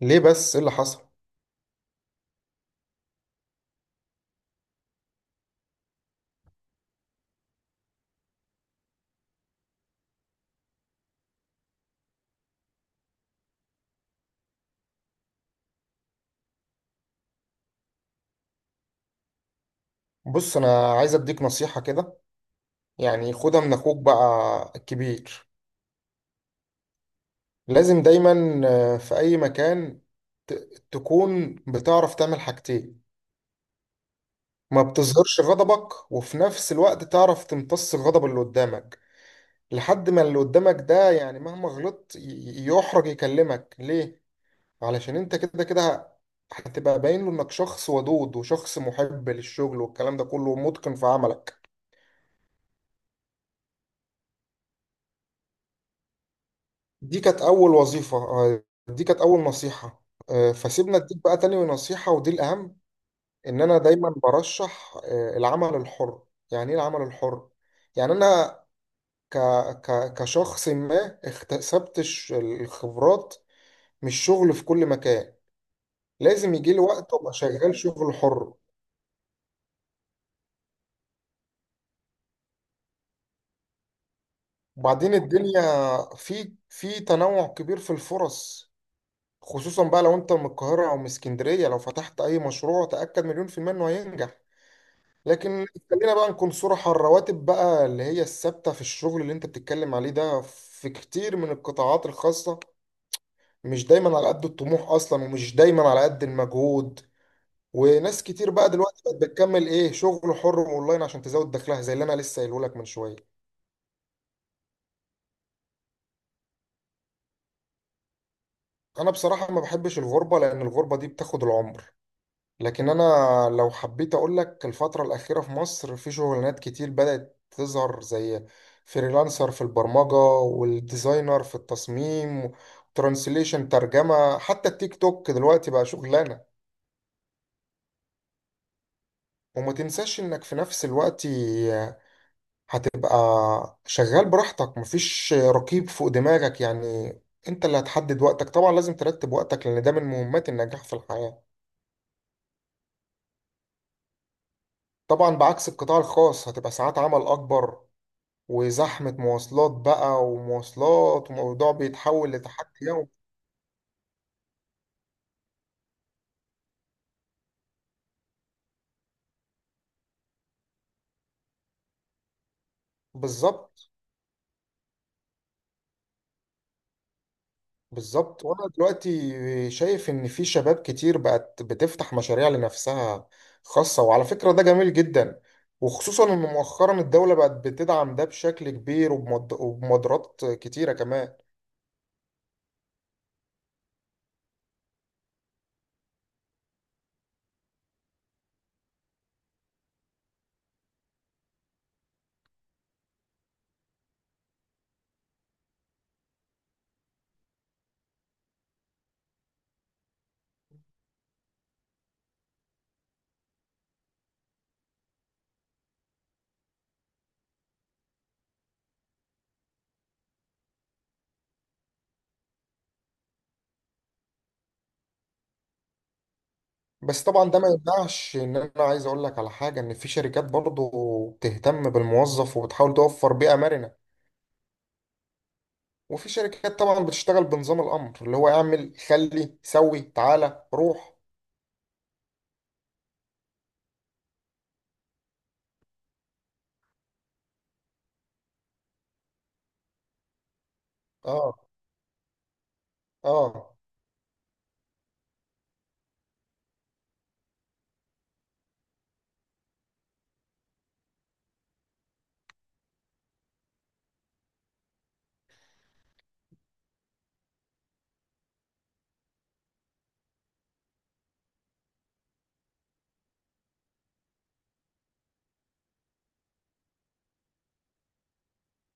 ليه بس ايه اللي حصل؟ بص، انا عايز اديك نصيحة كده. يعني خدها من اخوك بقى الكبير. لازم دايما في اي مكان تكون بتعرف تعمل حاجتين. ما بتظهرش غضبك، وفي نفس الوقت تعرف تمتص الغضب اللي قدامك، لحد ما اللي قدامك ده يعني مهما غلطت يحرج يكلمك ليه. علشان انت كده كده هتبقى باين له انك شخص ودود وشخص محب للشغل والكلام ده كله، ومتقن في عملك. دي كانت أول وظيفة. دي كانت أول نصيحة. فسيبنا أديك بقى تاني نصيحة، ودي الأهم. إن أنا دايما برشح العمل الحر. يعني إيه العمل الحر؟ يعني أنا ك... كشخص ما اكتسبت الخبرات من الشغل في كل مكان، لازم يجي لي وقت أبقى شغال شغل حر. وبعدين الدنيا في تنوع كبير في الفرص. خصوصا بقى لو أنت من القاهرة أو من اسكندرية، لو فتحت أي مشروع تأكد مليون في المية إنه هينجح. لكن خلينا بقى نكون صراحة، الرواتب بقى اللي هي الثابتة في الشغل اللي انت بتتكلم عليه ده، في كتير من القطاعات الخاصة مش دايما على قد الطموح اصلا، ومش دايما على قد المجهود. وناس كتير بقى دلوقتي بقت بتكمل ايه شغل حر اونلاين عشان تزود دخلها، زي اللي انا لسه قايله لك من شوية. انا بصراحة ما بحبش الغربة لان الغربة دي بتاخد العمر. لكن انا لو حبيت اقول لك، الفترة الأخيرة في مصر في شغلانات كتير بدأت تظهر، زي فريلانسر في البرمجة، والديزاينر في التصميم، ترانسليشن ترجمة، حتى التيك توك دلوقتي بقى شغلانة. وما تنساش انك في نفس الوقت هتبقى شغال براحتك، مفيش رقيب فوق دماغك يعني. انت اللي هتحدد وقتك، طبعا لازم ترتب وقتك لان ده من مهمات النجاح في الحياة. طبعا بعكس القطاع الخاص، هتبقى ساعات عمل اكبر، وزحمة مواصلات بقى ومواصلات، وموضوع بيتحول لتحدي يومي. بالظبط. بالظبط. وانا دلوقتي شايف ان في شباب كتير بقت بتفتح مشاريع لنفسها، خاصة، وعلى فكرة ده جميل جدا. وخصوصا ان مؤخرا الدولة بقت بتدعم ده بشكل كبير، وبمبادرات كتيرة كمان. بس طبعا ده ما يمنعش ان انا عايز اقول لك على حاجة، ان في شركات برضو بتهتم بالموظف وبتحاول توفر بيئة مرنة. وفي شركات طبعا بتشتغل بنظام الامر، اللي هو اعمل، خلي، سوي، تعالى، روح. اه. اه.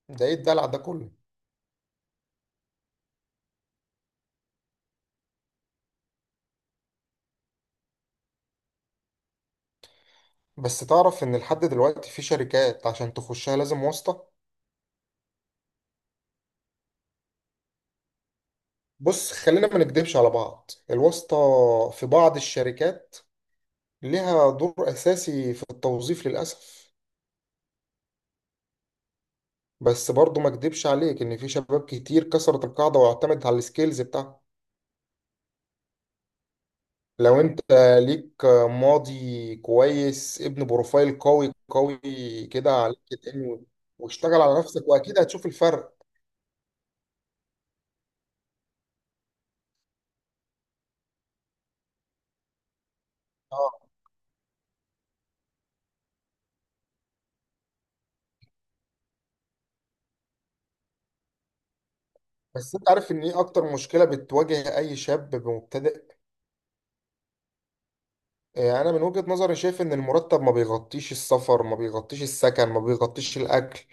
ده ايه الدلع ده كله؟ بس تعرف ان لحد دلوقتي في شركات عشان تخشها لازم واسطة. بص، خلينا ما نكدبش على بعض، الواسطة في بعض الشركات ليها دور اساسي في التوظيف للاسف. بس برضو ما اكدبش عليك ان في شباب كتير كسرت القاعدة واعتمدت على السكيلز بتاعها. لو انت ليك ماضي كويس، ابن بروفايل قوي قوي كده على لينكد ان، واشتغل على نفسك، واكيد هتشوف الفرق. اه. بس انت عارف ان ايه اكتر مشكلة بتواجه اي شاب مبتدئ؟ اه، انا من وجهة نظري شايف ان المرتب ما بيغطيش السفر، ما بيغطيش السكن، ما بيغطيش الاكل،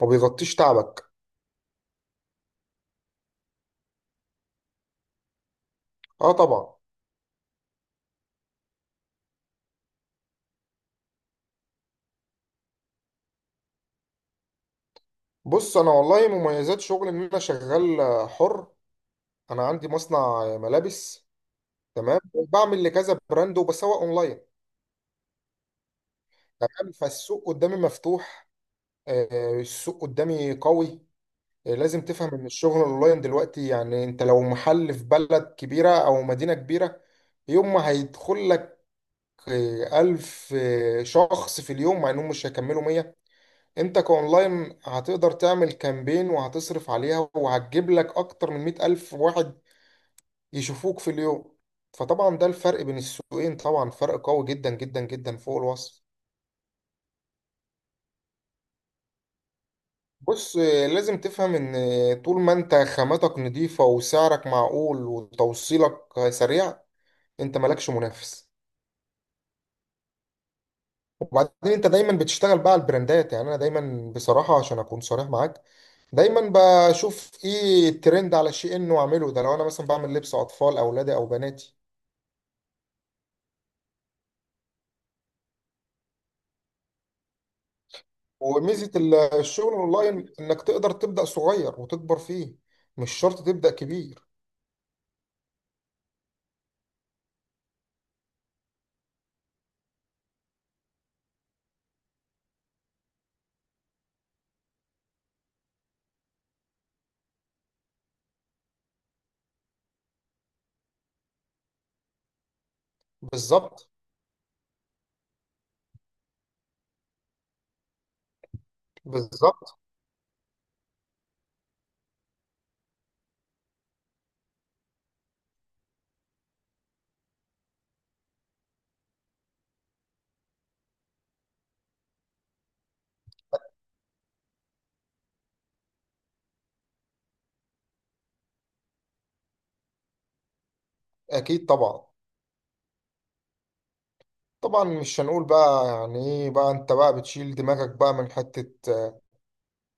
ما بيغطيش تعبك. اه طبعا. بص، انا والله مميزات شغل ان انا شغال حر. انا عندي مصنع ملابس. تمام، بعمل لكذا براند وبسوق اونلاين. تمام، فالسوق قدامي مفتوح. السوق قدامي قوي. لازم تفهم ان الشغل اونلاين دلوقتي، يعني انت لو محل في بلد كبيرة او مدينة كبيرة يوم ما هيدخل لك 1000 شخص في اليوم، مع انهم مش هيكملوا 100. انت كاونلاين هتقدر تعمل كامبين وهتصرف عليها وهتجيب لك اكتر من 100 ألف واحد يشوفوك في اليوم. فطبعا ده الفرق بين السوقين، طبعا فرق قوي جدا جدا جدا فوق الوصف. بص، لازم تفهم ان طول ما انت خاماتك نظيفة وسعرك معقول وتوصيلك سريع، انت مالكش منافس. وبعدين انت دايما بتشتغل بقى على البراندات. يعني انا دايما بصراحة عشان اكون صريح معاك، دايما بشوف ايه الترند على شيء انه اعمله ده. لو انا مثلا بعمل لبس اطفال اولادي او بناتي. وميزة الشغل اونلاين انك تقدر تبدأ صغير وتكبر فيه. مش شرط تبدأ كبير. بالظبط. بالظبط. اكيد طبعا. طبعا مش هنقول بقى يعني ايه بقى انت بقى بتشيل دماغك بقى من حتة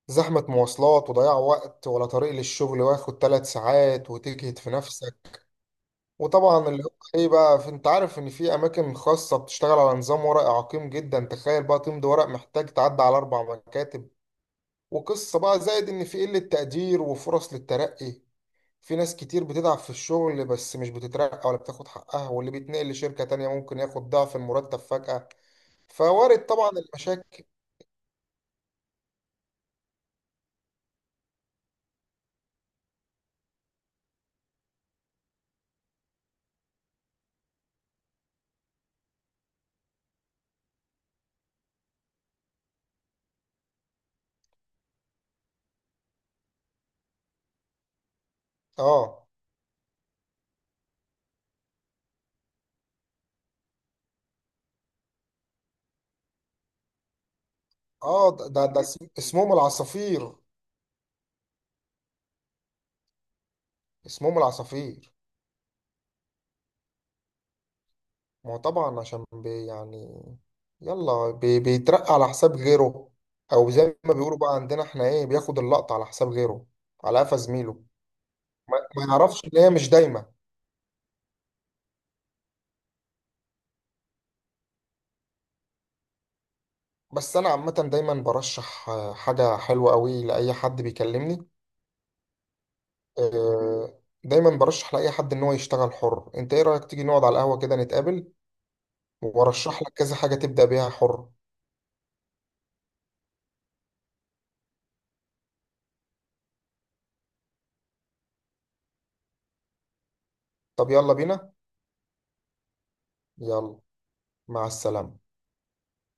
زحمة مواصلات وضياع وقت، ولا طريق للشغل واخد 3 ساعات وتجهد في نفسك. وطبعا اللي هو ايه بقى انت عارف ان في اماكن خاصة بتشتغل على نظام ورقي عقيم جدا، تخيل بقى تمضي ورق محتاج تعدي على 4 مكاتب. وقصة بقى، زائد ان في قلة تقدير وفرص للترقي، في ناس كتير بتتعب في الشغل بس مش بتترقى ولا بتاخد حقها. واللي بيتنقل لشركة تانية ممكن ياخد ضعف المرتب فجأة. فوارد طبعا المشاكل. اه. اه، ده اسمهم العصافير. اسمهم العصافير. ما هو طبعا عشان بي يعني يلا بي بيترقى على حساب غيره. او زي ما بيقولوا بقى عندنا احنا ايه، بياخد اللقطة على حساب غيره، على قفا زميله. ما يعرفش ان هي مش دايما. بس انا عامة دايما برشح حاجة حلوة قوي لأي حد بيكلمني. دايما برشح لأي حد ان هو يشتغل حر. انت ايه رأيك تيجي نقعد على القهوة كده نتقابل، وارشح لك كذا حاجة تبدأ بيها حر؟ طب يلا بينا. يلا. مع السلامة.